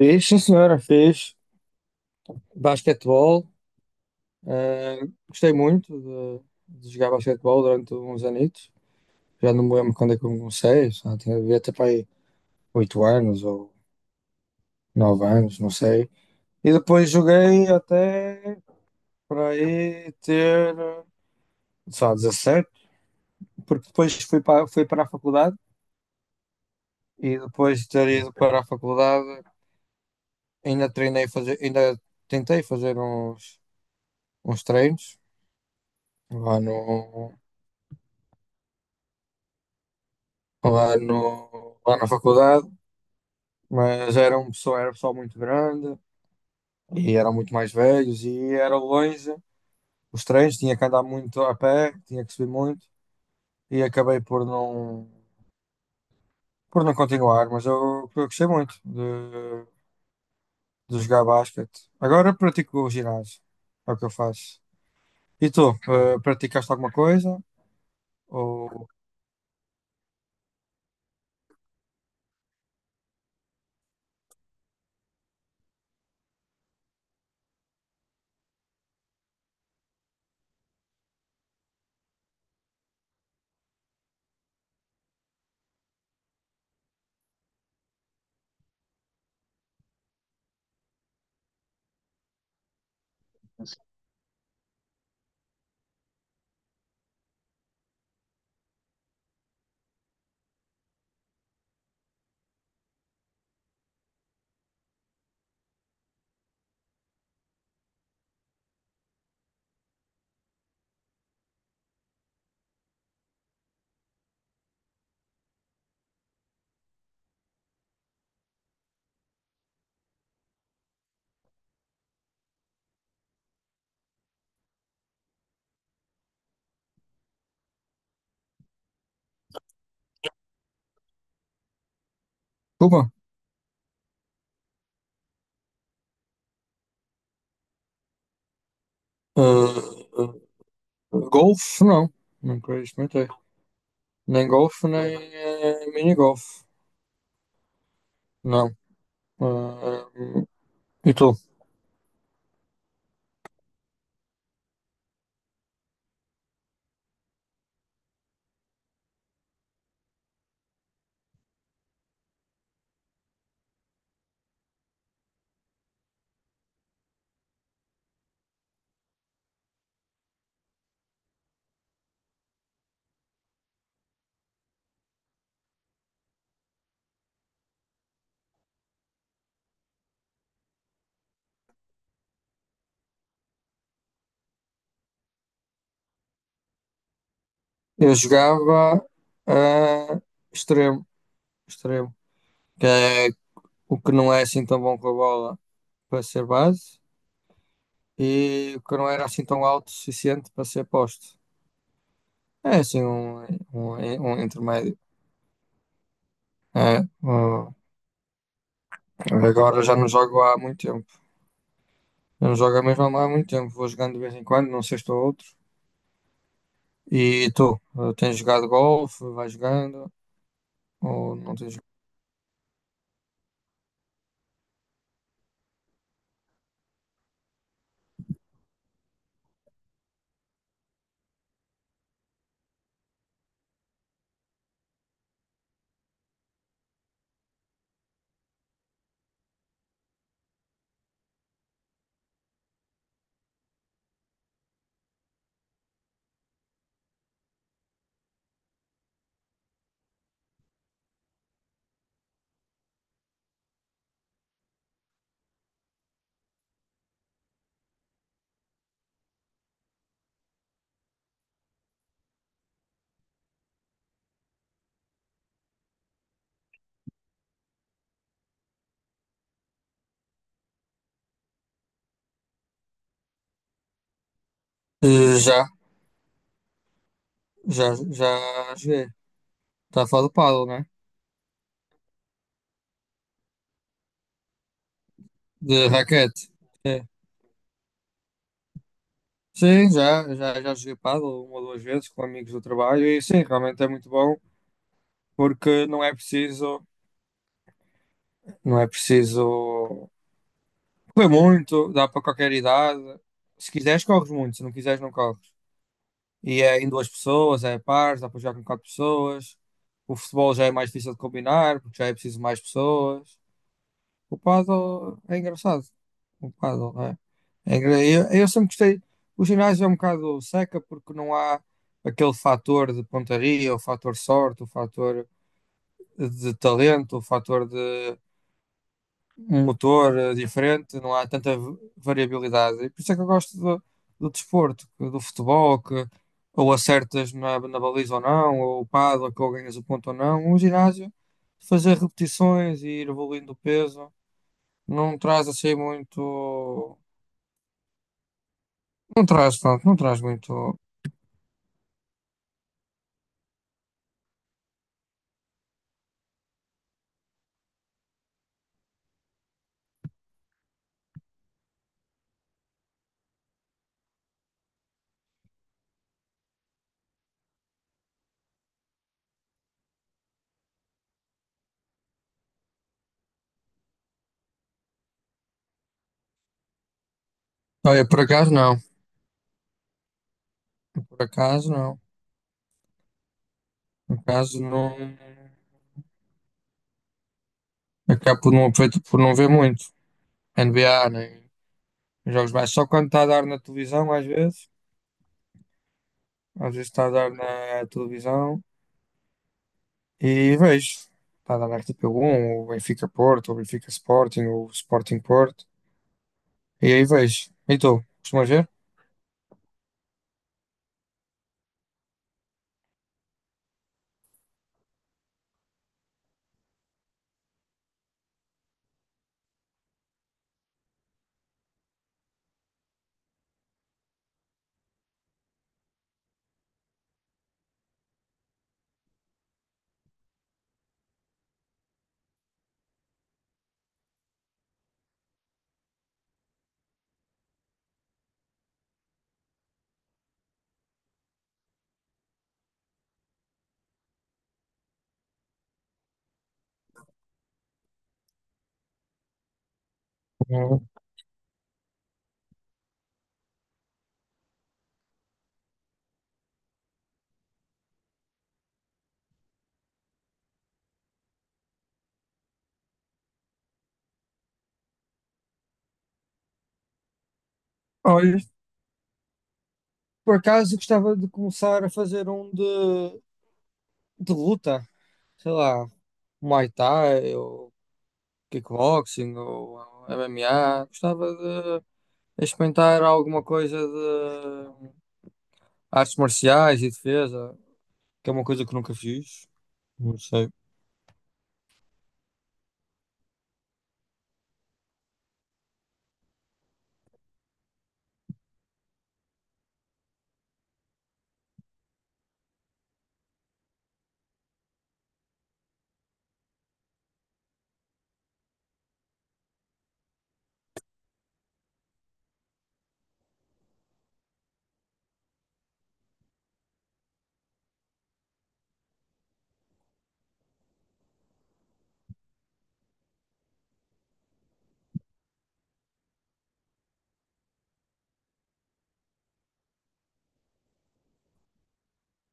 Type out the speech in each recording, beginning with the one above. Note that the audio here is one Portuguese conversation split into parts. Fez, sim senhora, fez basquetebol. eh, Gostei muito de jogar basquetebol durante uns anitos. Já não me lembro quando é que eu comecei, só tinha devia ter para aí 8 anos ou 9 anos, não sei. E depois joguei até para aí ter só 17 porque depois fui para a faculdade e depois de ter ido para a faculdade ainda tentei fazer uns treinos lá no, lá, no, lá na faculdade, mas era um pessoal muito grande e eram muito mais velhos e era longe. Os trens tinha que andar muito a pé, tinha que subir muito e acabei por não continuar, mas eu gostei muito de jogar basquete. Agora pratico o ginásio, é o que eu faço. E tu, praticaste alguma coisa? Ou Cuba? Golfe? Não, nunca experimentei. Nem golfe, nem mini golfe. Não. Ah, e tu? Eu jogava ah, extremo, extremo, que é o que não é assim tão bom com a bola para ser base e o que não era assim tão alto o suficiente para ser posto. É assim um, um intermédio. É, agora já não jogo há muito tempo. Eu não jogo mesmo há muito tempo. Vou jogando de vez em quando, num sexto ou outro. E tu? Tens jogado golfe? Vais jogando? Ou não tens jogado? Já, já, já joguei. Está a falar do paddle, né? De raquete. É. Sim, já, já, já joguei paddle uma ou duas vezes com amigos do trabalho e sim, realmente é muito bom porque não é preciso correr muito, dá para qualquer idade. Se quiseres, corres muito, se não quiseres, não corres. E é em duas pessoas, é pares, dá para jogar com quatro pessoas. O futebol já é mais difícil de combinar porque já é preciso mais pessoas. O paddle é engraçado. O paddle, não é? Eu sempre gostei. O ginásio é um bocado seca porque não há aquele fator de pontaria, o fator sorte, o fator de talento, o fator de um motor diferente, não há tanta variabilidade. E por isso é que eu gosto do desporto, do futebol, que ou acertas na baliza ou não, ou o paddle, é que ou ganhas o ponto ou não. O ginásio, fazer repetições e ir evoluindo o peso. Não traz assim muito. Não traz, pronto, não traz muito. Olha, por acaso não. Por acaso não. Por acaso não. Acabo por não ver muito. NBA, nem jogos mais. Só quando está a dar na televisão, às vezes. Às vezes está a dar na televisão e vejo. Está a dar na RTP1 ou Benfica Porto, ou Benfica Sporting, ou Sporting Porto. E aí vejo. E tu, costumas ver? Não. Olha, por acaso eu gostava de começar a fazer um de luta. Sei lá, Muay Thai ou kickboxing ou MMA. Gostava de experimentar alguma coisa de artes marciais e defesa, que é uma coisa que nunca fiz. Não sei.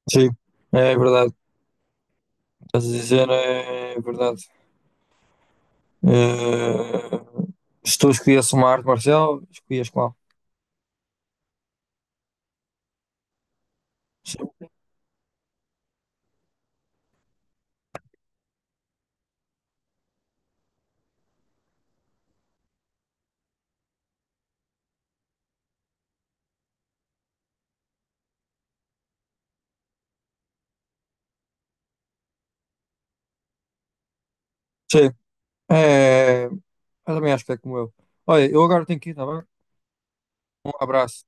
Sim, é verdade. Estás a dizer, é verdade. Se tu escolhias uma arte marcial, escolhias qual? Sim. Sim. É, eu também acho que é como eu. Olha, eu agora tenho que ir, tá bem? Um abraço.